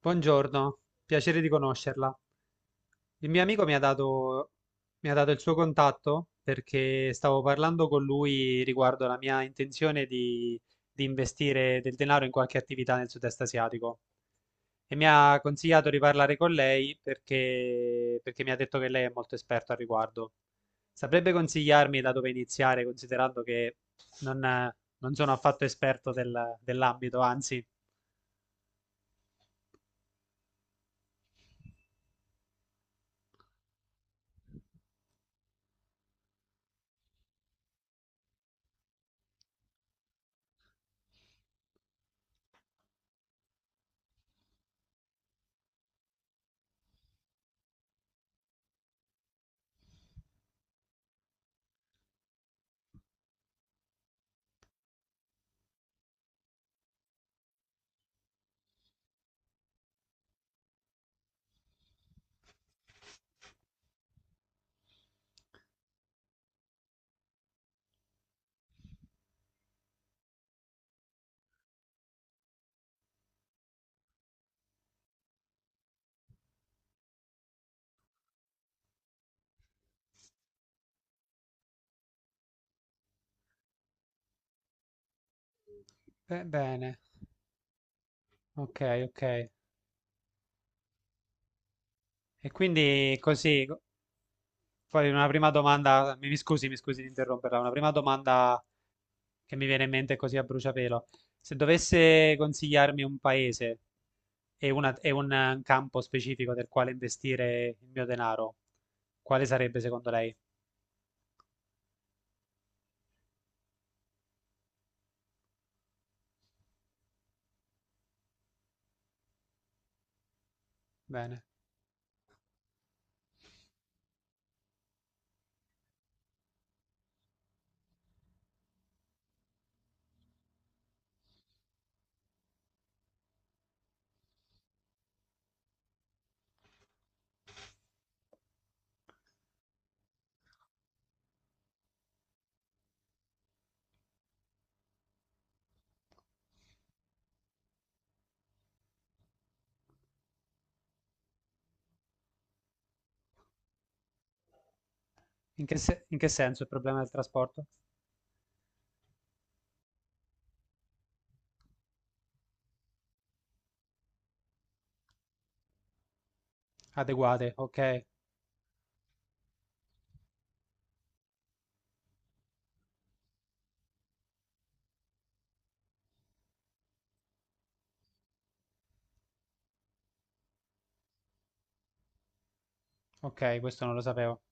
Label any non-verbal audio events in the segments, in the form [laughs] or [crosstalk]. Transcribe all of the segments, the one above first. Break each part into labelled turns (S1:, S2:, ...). S1: Buongiorno, piacere di conoscerla. Il mio amico mi ha dato il suo contatto perché stavo parlando con lui riguardo la mia intenzione di investire del denaro in qualche attività nel sud-est asiatico e mi ha consigliato di parlare con lei perché mi ha detto che lei è molto esperto al riguardo. Saprebbe consigliarmi da dove iniziare, considerando che non, non sono affatto esperto dell'ambito, anzi. Bene, ok, ok. E quindi così, poi una prima domanda, mi scusi, mi scusi di interromperla, una prima domanda che mi viene in mente così a bruciapelo. Se dovesse consigliarmi un paese e, una- e un campo specifico del quale investire il mio denaro, quale sarebbe secondo lei? Bene. In che, se- in che senso il problema del trasporto? Adeguate, ok, ok, questo non lo sapevo.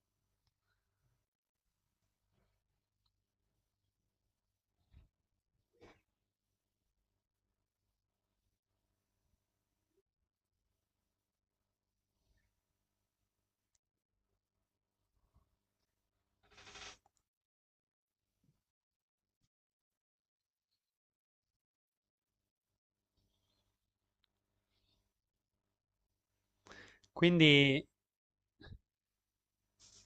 S1: Quindi,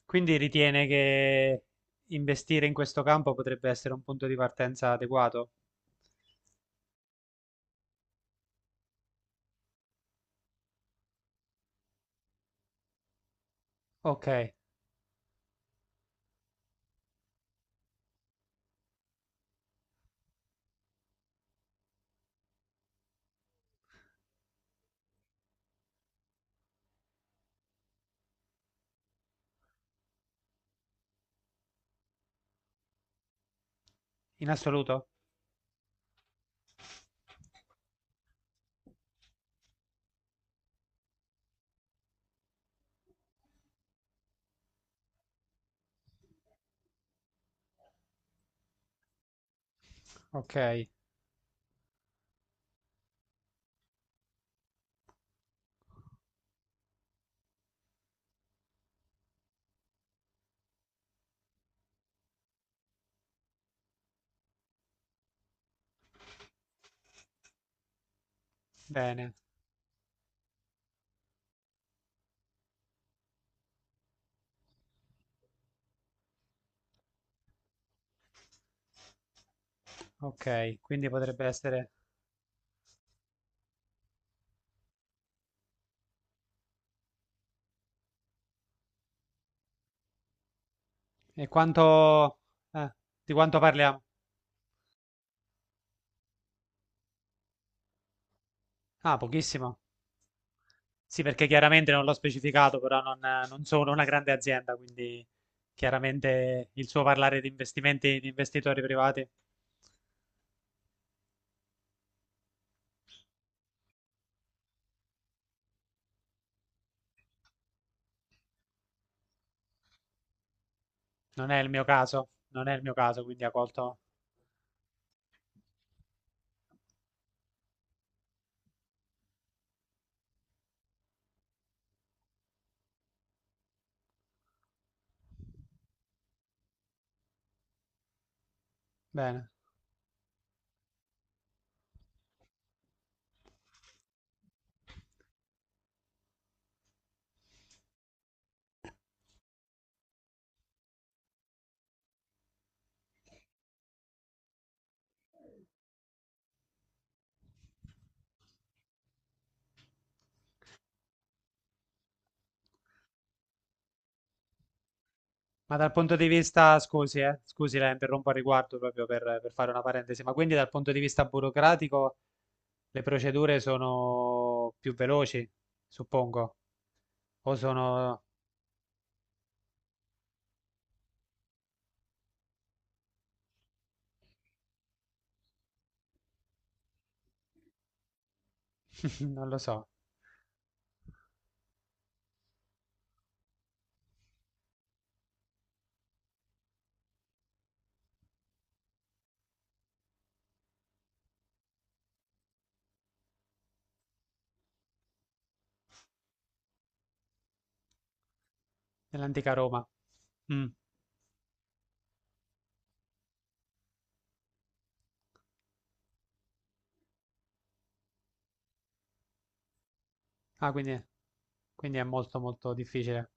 S1: quindi ritiene che investire in questo campo potrebbe essere un punto di partenza adeguato? Ok, in assoluto? Ok, bene, ok, quindi potrebbe essere... E quanto... eh, di quanto parliamo? Ah, pochissimo. Sì, perché chiaramente non l'ho specificato, però non, non sono una grande azienda, quindi chiaramente il suo parlare di investimenti di investitori privati non è il mio caso, non è il mio caso, quindi ha colto bene. Ma dal punto di vista, scusi, scusi, la interrompo a riguardo per fare una parentesi, ma quindi dal punto di vista burocratico le procedure sono più veloci, suppongo, o sono, [laughs] non lo so, nell'antica Roma. Mm. Ah, quindi, quindi è molto molto difficile.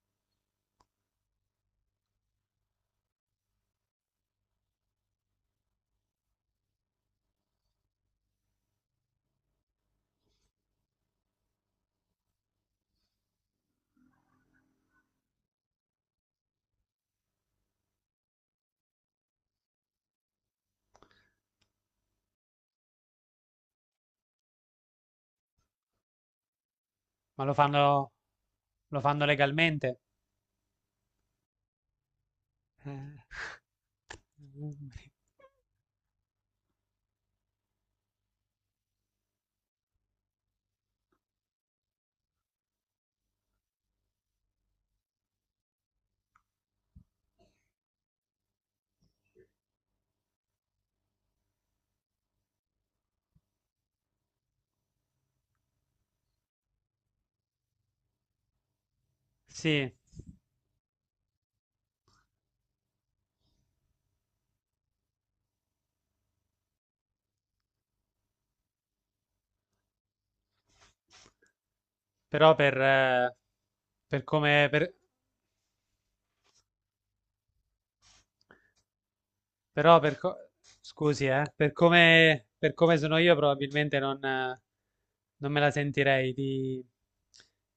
S1: Ma lo fanno, lo fanno legalmente? Eh, [laughs] sì, però per, eh, per come, per- però per scusi, per come sono io probabilmente non me la sentirei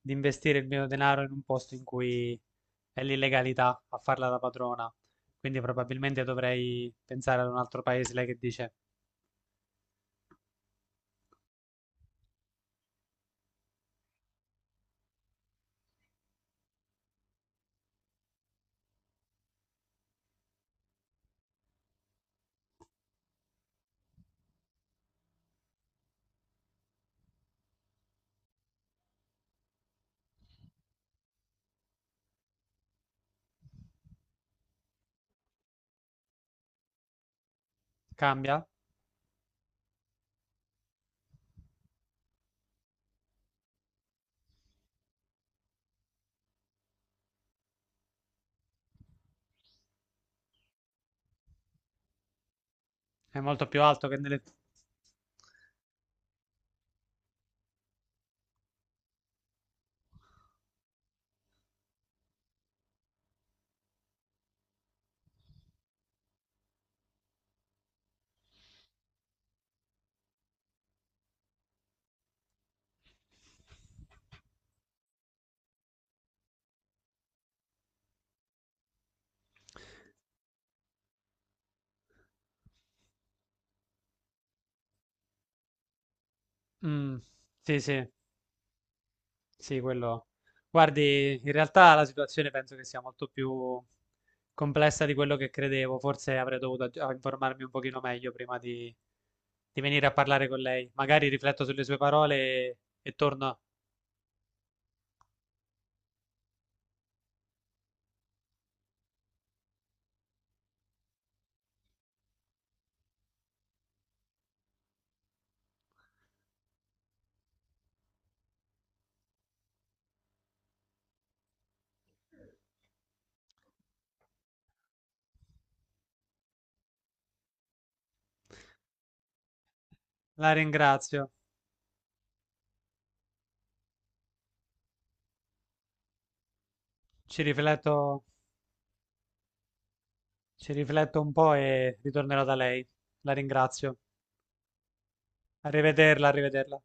S1: di investire il mio denaro in un posto in cui è l'illegalità a farla da padrona. Quindi probabilmente dovrei pensare ad un altro paese, lei che dice, cambia? È molto più alto che nelle... Mm, sì, sì. Sì, quello. Guardi, in realtà la situazione penso che sia molto più complessa di quello che credevo. Forse avrei dovuto informarmi un pochino meglio di venire a parlare con lei. Magari rifletto sulle sue parole e torno. La ringrazio. Ci rifletto, ci rifletto un po' e ritornerò da lei. La ringrazio. Arrivederla, arrivederla.